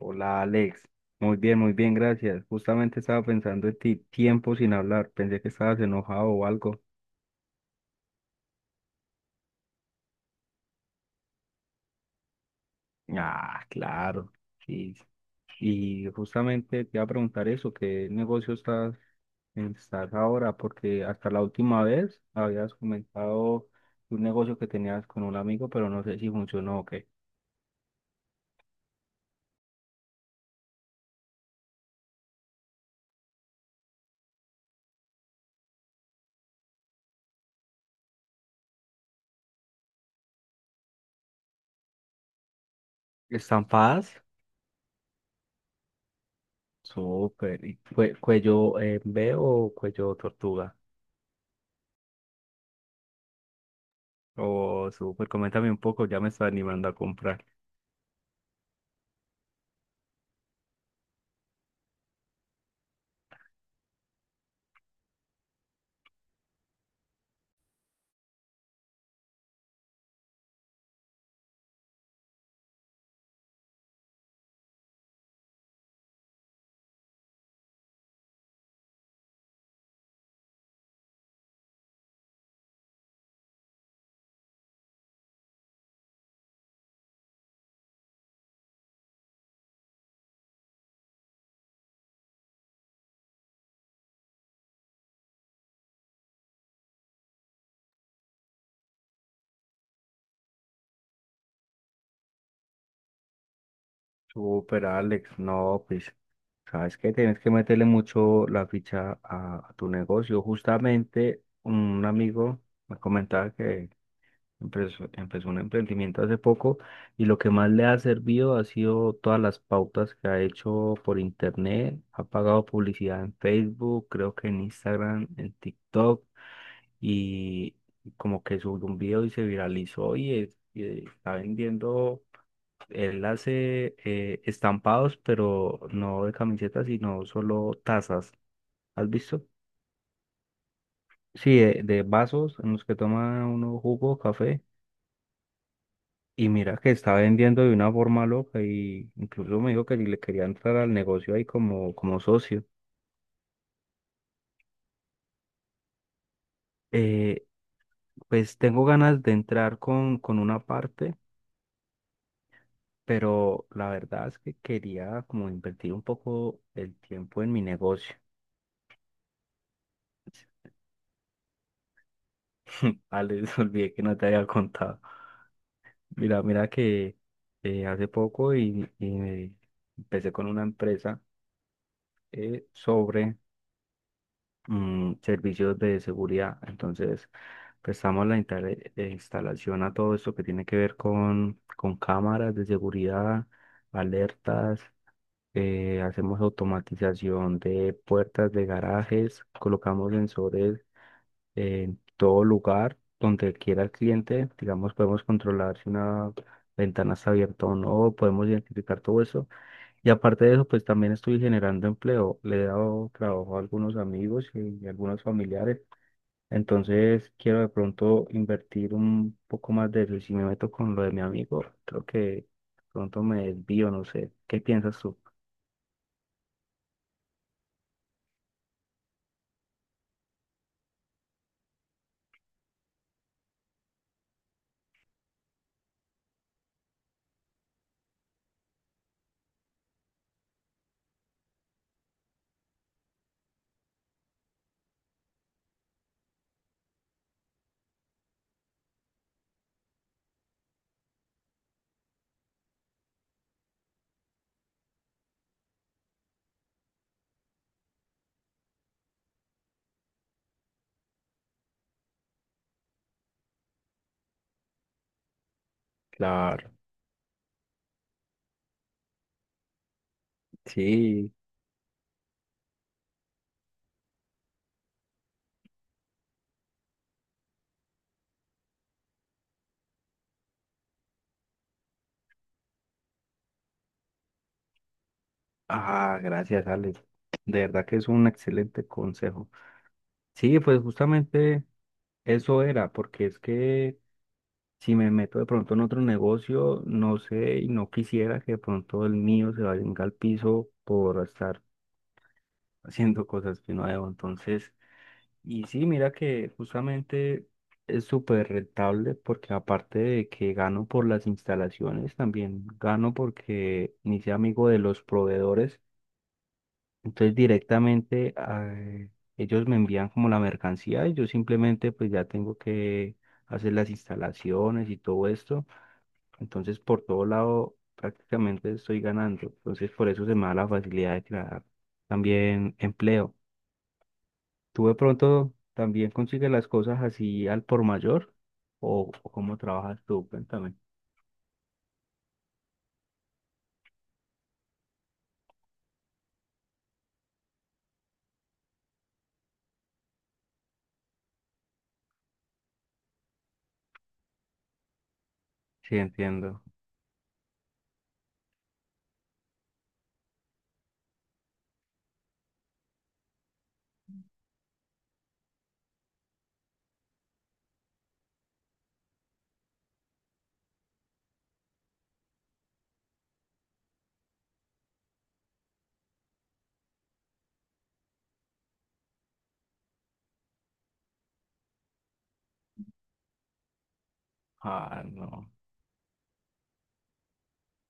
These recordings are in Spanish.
Hola Alex, muy bien, gracias. Justamente estaba pensando en ti, tiempo sin hablar, pensé que estabas enojado o algo. Ah, claro, sí. Y justamente te iba a preguntar eso, ¿qué negocio estás, estás ahora? Porque hasta la última vez habías comentado un negocio que tenías con un amigo, pero no sé si funcionó o qué. ¿Estampadas? Súper. ¿Y cuello B o cuello tortuga? Oh, súper, coméntame un poco, ya me está animando a comprar. Súper, Alex. No, pues, sabes que tienes que meterle mucho la ficha a tu negocio. Justamente un amigo me comentaba que empezó un emprendimiento hace poco y lo que más le ha servido ha sido todas las pautas que ha hecho por internet. Ha pagado publicidad en Facebook, creo que en Instagram, en TikTok y como que subió un video y se viralizó y y está vendiendo. Él hace estampados, pero no de camisetas, sino solo tazas. ¿Has visto? Sí, de vasos en los que toma uno jugo, café. Y mira que está vendiendo de una forma loca y incluso me dijo que si le quería entrar al negocio ahí como, como socio. Eh, pues tengo ganas de entrar con una parte, pero la verdad es que quería como invertir un poco el tiempo en mi negocio. Ah, olvidé que no te había contado. Mira, mira que hace poco y me empecé con una empresa sobre servicios de seguridad. Entonces, prestamos la instalación a todo esto que tiene que ver con cámaras de seguridad, alertas, hacemos automatización de puertas de garajes, colocamos sensores en todo lugar donde quiera el cliente. Digamos, podemos controlar si una ventana está abierta o no, podemos identificar todo eso. Y aparte de eso, pues también estoy generando empleo. Le he dado trabajo a algunos amigos y algunos familiares. Entonces, quiero de pronto invertir un poco más de eso. Y si me meto con lo de mi amigo, creo que de pronto me desvío, no sé. ¿Qué piensas tú? Claro, sí. Ah, gracias, Alex. De verdad que es un excelente consejo. Sí, pues justamente eso era, porque es que si me meto de pronto en otro negocio, no sé y no quisiera que de pronto el mío se vaya al piso por estar haciendo cosas que no debo. Entonces, y sí, mira que justamente es súper rentable porque aparte de que gano por las instalaciones, también gano porque me hice amigo de los proveedores. Entonces directamente, ellos me envían como la mercancía y yo simplemente pues ya tengo que hacer las instalaciones y todo esto. Entonces por todo lado prácticamente estoy ganando. Entonces por eso se me da la facilidad de crear también empleo. ¿Tú de pronto también consigues las cosas así al por mayor? O cómo trabajas tú? Cuéntame. Sí, entiendo. Ah, no.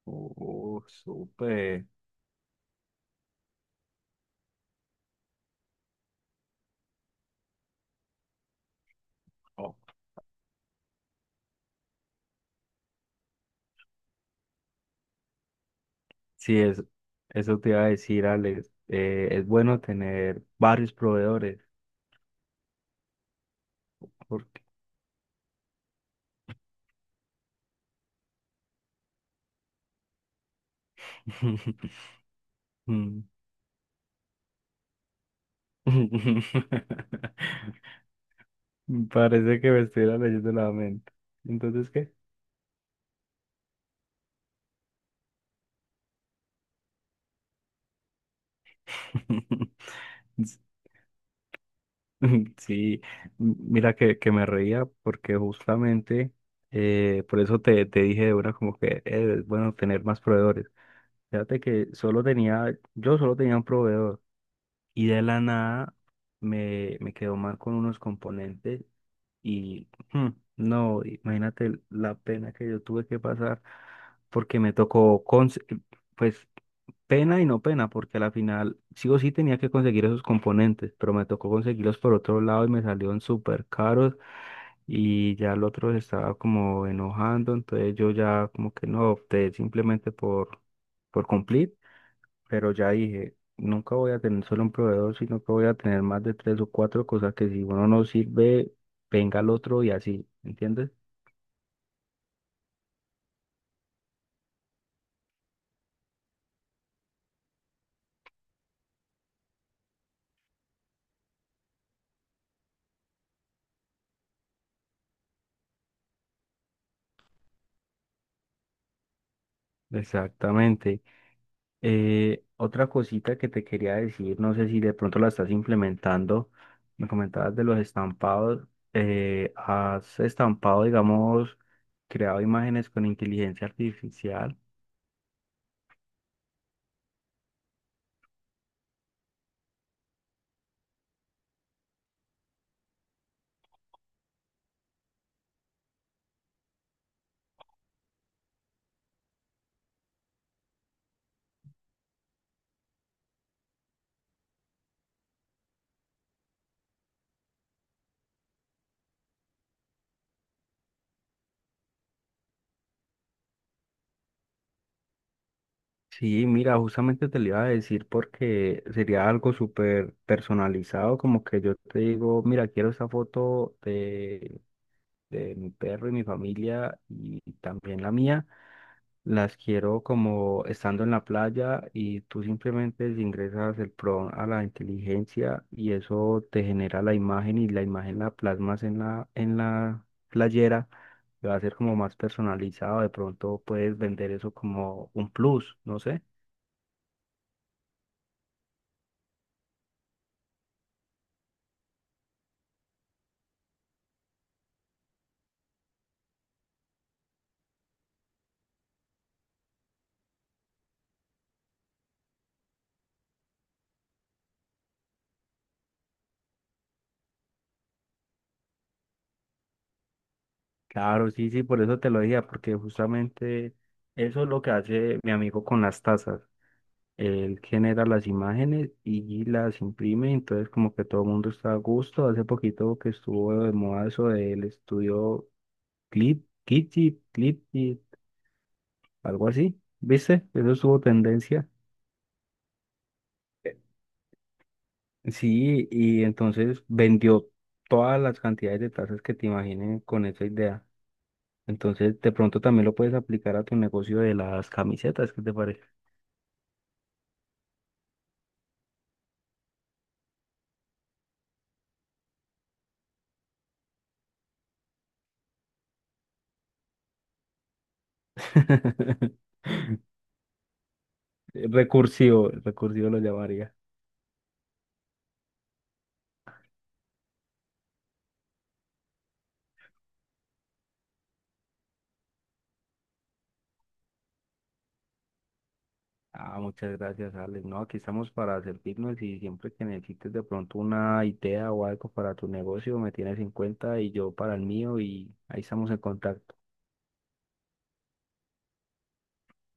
Súper. Sí, eso te iba a decir, Alex. Es bueno tener varios proveedores porque Mm. parece que me estuviera leyendo la mente. Entonces, ¿qué? Sí, mira que me reía porque justamente por eso te dije de una como que es bueno tener más proveedores. Fíjate que solo tenía, yo solo tenía un proveedor. Y de la nada me quedó mal con unos componentes y no, imagínate la pena que yo tuve que pasar porque me tocó, pues pena y no pena, porque a la final sí o sí tenía que conseguir esos componentes, pero me tocó conseguirlos por otro lado y me salieron súper caros y ya el otro se estaba como enojando, entonces yo ya como que no opté simplemente por cumplir, pero ya dije, nunca voy a tener solo un proveedor, sino que voy a tener más de tres o cuatro cosas que si uno no sirve, venga el otro y así, ¿entiendes? Exactamente. Otra cosita que te quería decir, no sé si de pronto la estás implementando, me comentabas de los estampados, has estampado, digamos, creado imágenes con inteligencia artificial. Sí, mira, justamente te lo iba a decir porque sería algo súper personalizado, como que yo te digo, mira, quiero esa foto de mi perro y mi familia y también la mía, las quiero como estando en la playa y tú simplemente ingresas el prompt a la inteligencia y eso te genera la imagen y la imagen la plasmas en la playera. Va a ser como más personalizado, de pronto puedes vender eso como un plus, no sé. Claro, sí, sí, por eso te lo decía, porque justamente eso es lo que hace mi amigo con las tazas. Él genera las imágenes y las imprime, entonces como que todo el mundo está a gusto. Hace poquito que estuvo de moda eso del estudio Clip, Kitty, Clip, kit, algo así, ¿viste? Eso estuvo tendencia. Sí, y entonces vendió todas las cantidades de tazas que te imaginen con esa idea. Entonces, de pronto también lo puedes aplicar a tu negocio de las camisetas, ¿qué te parece? Recursivo, recursivo lo llamaría. Ah, muchas gracias, Alex. No, aquí estamos para servirnos y siempre que necesites de pronto una idea o algo para tu negocio, me tienes en cuenta y yo para el mío y ahí estamos en contacto.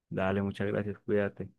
Dale, muchas gracias, cuídate.